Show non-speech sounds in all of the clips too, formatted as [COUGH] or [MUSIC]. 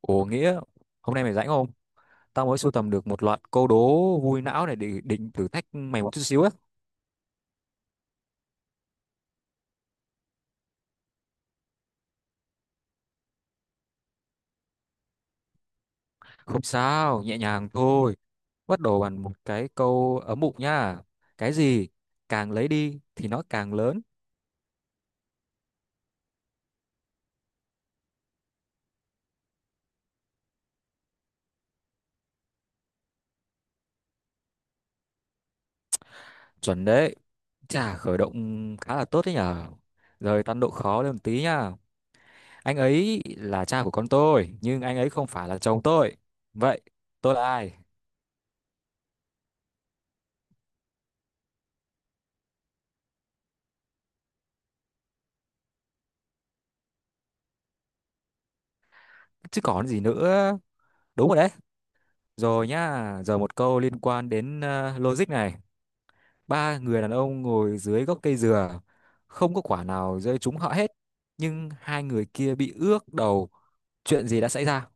Ồ Nghĩa, hôm nay mày rảnh không? Tao mới sưu tầm được một loạt câu đố vui não này để định thử thách mày một chút xíu á. Không sao, nhẹ nhàng thôi. Bắt đầu bằng một cái câu ấm bụng nha. Cái gì càng lấy đi thì nó càng lớn. Chuẩn đấy. Chà, khởi động khá là tốt đấy nhở. Rồi tăng độ khó lên một tí nha. Anh ấy là cha của con tôi, nhưng anh ấy không phải là chồng tôi. Vậy, tôi là ai? Chứ còn gì nữa. Đúng rồi đấy. Rồi nhá, giờ một câu liên quan đến logic này. Ba người đàn ông ngồi dưới gốc cây dừa, không có quả nào rơi trúng họ hết, nhưng hai người kia bị ướt đầu. Chuyện gì đã xảy ra?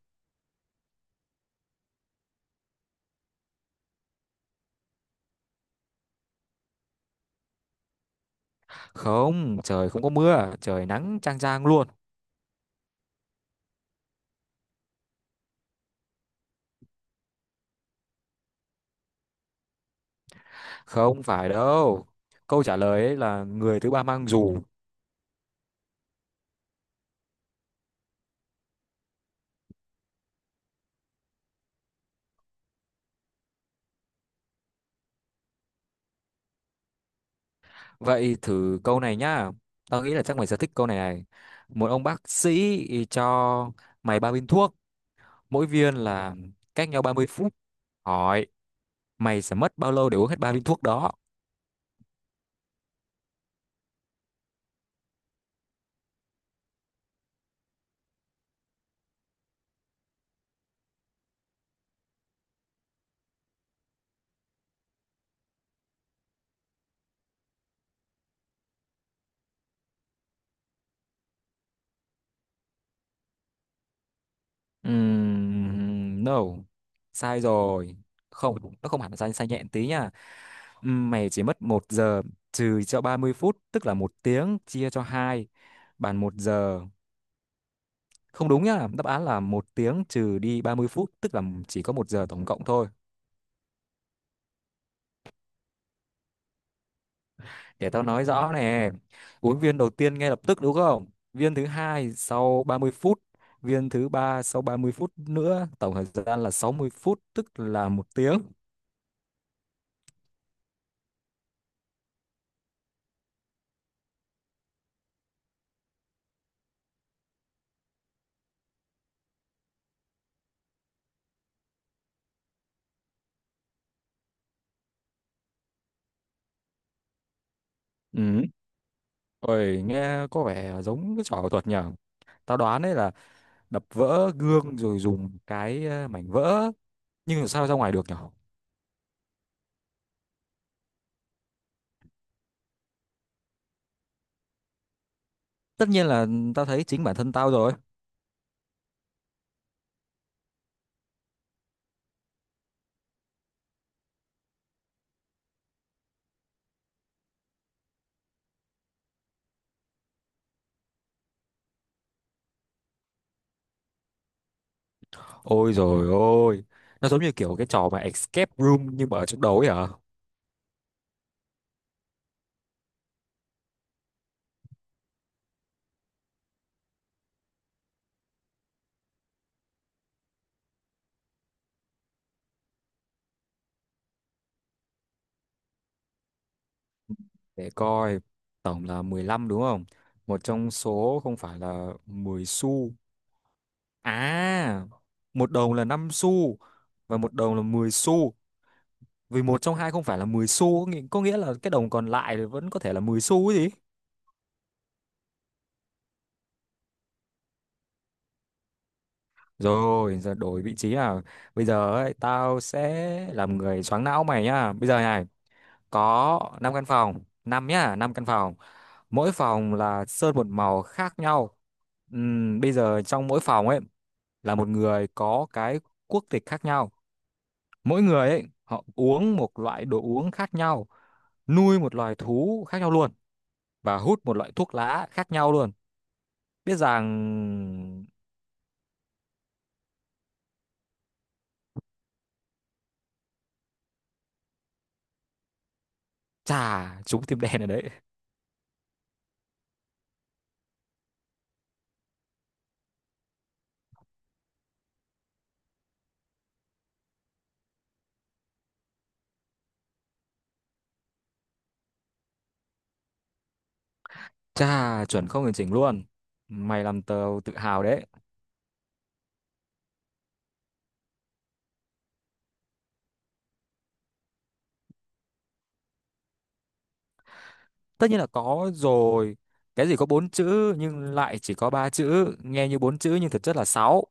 Không, trời không có mưa, trời nắng chang chang luôn. Không phải đâu. Câu trả lời ấy là người thứ ba mang dù. Vậy thử câu này nhá. Tao nghĩ là chắc mày sẽ thích câu này này. Một ông bác sĩ cho mày ba viên thuốc, mỗi viên là cách nhau 30 phút. Hỏi mày sẽ mất bao lâu để uống hết ba viên thuốc đó. No, sai rồi, không, nó không hẳn là sai, sai nhẹ tí nha. Mày chỉ mất một giờ trừ cho 30 phút, tức là một tiếng chia cho hai, bàn một giờ không đúng nhá. Đáp án là một tiếng trừ đi 30 phút, tức là chỉ có một giờ tổng cộng thôi. Để tao nói rõ nè. Uống viên đầu tiên ngay lập tức đúng không? Viên thứ hai sau 30 phút, viên thứ ba sau 30 phút nữa, tổng thời gian là 60 phút tức là một tiếng. Ừ. Ôi, nghe có vẻ giống cái trò ảo thuật nhở. Tao đoán đấy là đập vỡ gương rồi dùng cái mảnh vỡ. Nhưng mà sao ra ngoài được nhở? Tất nhiên là tao thấy chính bản thân tao rồi. Ôi rồi ôi, nó giống như kiểu cái trò mà escape room nhưng mà ở trong đầu ấy hả? Để coi, tổng là 15 đúng không? Một trong số không phải là 10 xu. À, một đồng là 5 xu và một đồng là 10 xu. Vì một trong hai không phải là 10 xu, có nghĩa là cái đồng còn lại thì vẫn có thể là 10 xu ấy gì. Rồi, giờ đổi vị trí nào. Bây giờ ấy, tao sẽ làm người choáng não mày nhá. Bây giờ này, có 5 căn phòng, 5 nhá, 5 căn phòng. Mỗi phòng là sơn một màu khác nhau. Bây giờ trong mỗi phòng ấy là một người có cái quốc tịch khác nhau, mỗi người ấy họ uống một loại đồ uống khác nhau, nuôi một loài thú khác nhau luôn, và hút một loại thuốc lá khác nhau luôn, biết rằng trà trúng tim đen ở đấy. Trà chuẩn không hoàn chỉnh luôn, mày làm tao tự hào đấy. Tất nhiên là có rồi. Cái gì có bốn chữ nhưng lại chỉ có ba chữ, nghe như bốn chữ nhưng thực chất là sáu.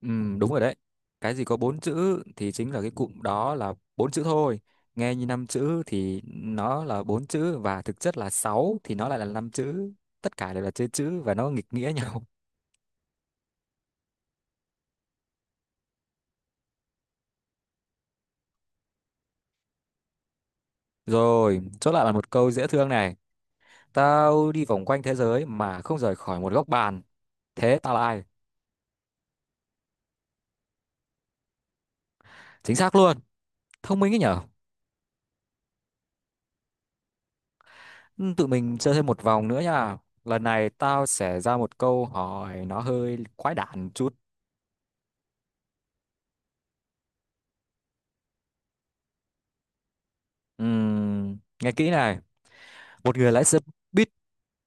Đúng rồi đấy. Cái gì có bốn chữ thì chính là cái cụm đó là bốn chữ thôi. Nghe như năm chữ thì nó là bốn chữ và thực chất là sáu thì nó lại là năm chữ. Tất cả đều là chơi chữ và nó nghịch nghĩa [LAUGHS] nhau. Rồi, chốt lại là một câu dễ thương này. Tao đi vòng quanh thế giới mà không rời khỏi một góc bàn. Thế tao là ai? Chính xác luôn. Thông minh ấy nhở? Ừ, tụi mình chơi thêm một vòng nữa nha. Lần này tao sẽ ra một câu hỏi nó hơi quái đản chút. Ừm, nghe kỹ này. Một người lái xe buýt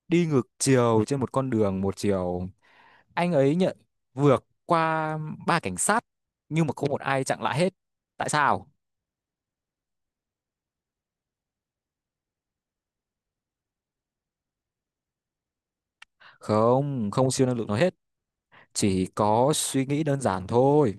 đi ngược chiều trên một con đường một chiều, anh ấy nhận vượt qua ba cảnh sát nhưng mà không một ai chặn lại hết. Tại sao? Không, không siêu năng lực nói hết, chỉ có suy nghĩ đơn giản thôi.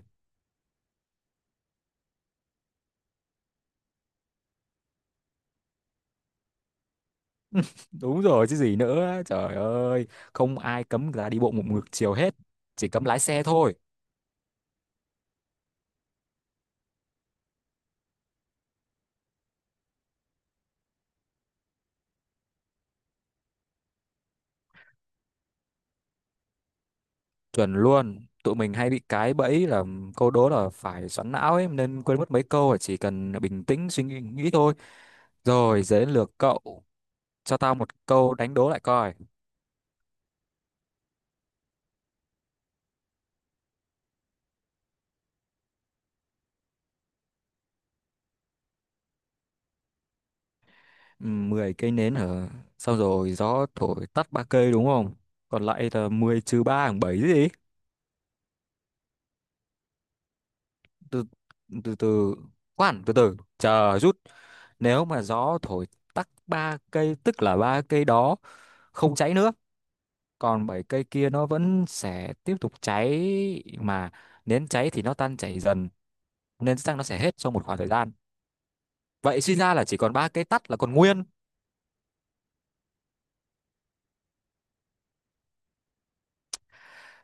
Đúng rồi chứ gì nữa trời ơi, không ai cấm người ta đi bộ một ngược chiều hết, chỉ cấm lái xe thôi. Chuẩn luôn, tụi mình hay bị cái bẫy là câu đố là phải xoắn não ấy, nên quên mất mấy câu chỉ cần bình tĩnh suy nghĩ nghĩ thôi. Rồi giờ đến lượt cậu, cho tao một câu đánh đố lại coi. 10 cây nến hả? Xong rồi gió thổi tắt ba cây đúng không? Còn lại là 10 trừ 3 bằng 7 gì? Từ từ từ khoan, từ từ chờ rút. Nếu mà gió thổi tắt ba cây tức là ba cây đó không cháy nữa, còn bảy cây kia nó vẫn sẽ tiếp tục cháy mà. Nến cháy thì nó tan chảy dần, nên chắc nó sẽ hết trong một khoảng thời gian. Vậy suy ra là chỉ còn ba cây tắt là còn nguyên.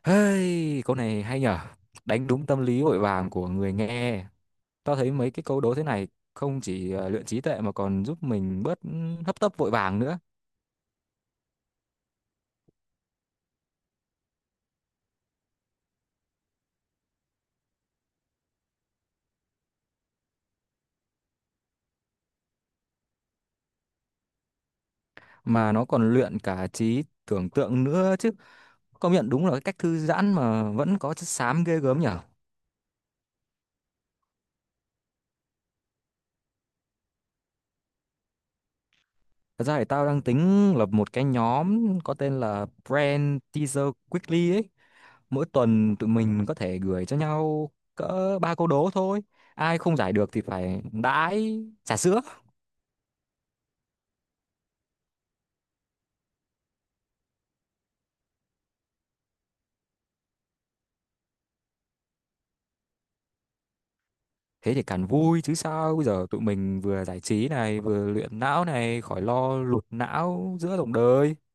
Hey, câu này hay nhở, đánh đúng tâm lý vội vàng của người nghe. Tao thấy mấy cái câu đố thế này không chỉ luyện trí tuệ mà còn giúp mình bớt hấp tấp vội vàng nữa. Mà nó còn luyện cả trí tưởng tượng nữa chứ, công nhận đúng là cái cách thư giãn mà vẫn có chất xám ghê gớm nhở. Thật ra thì tao đang tính lập một cái nhóm có tên là Brand Teaser Quickly ấy, mỗi tuần tụi mình có thể gửi cho nhau cỡ ba câu đố thôi, ai không giải được thì phải đãi trà sữa. Thế thì càng vui chứ sao, bây giờ tụi mình vừa giải trí này vừa luyện não này, khỏi lo lụt não giữa dòng đời.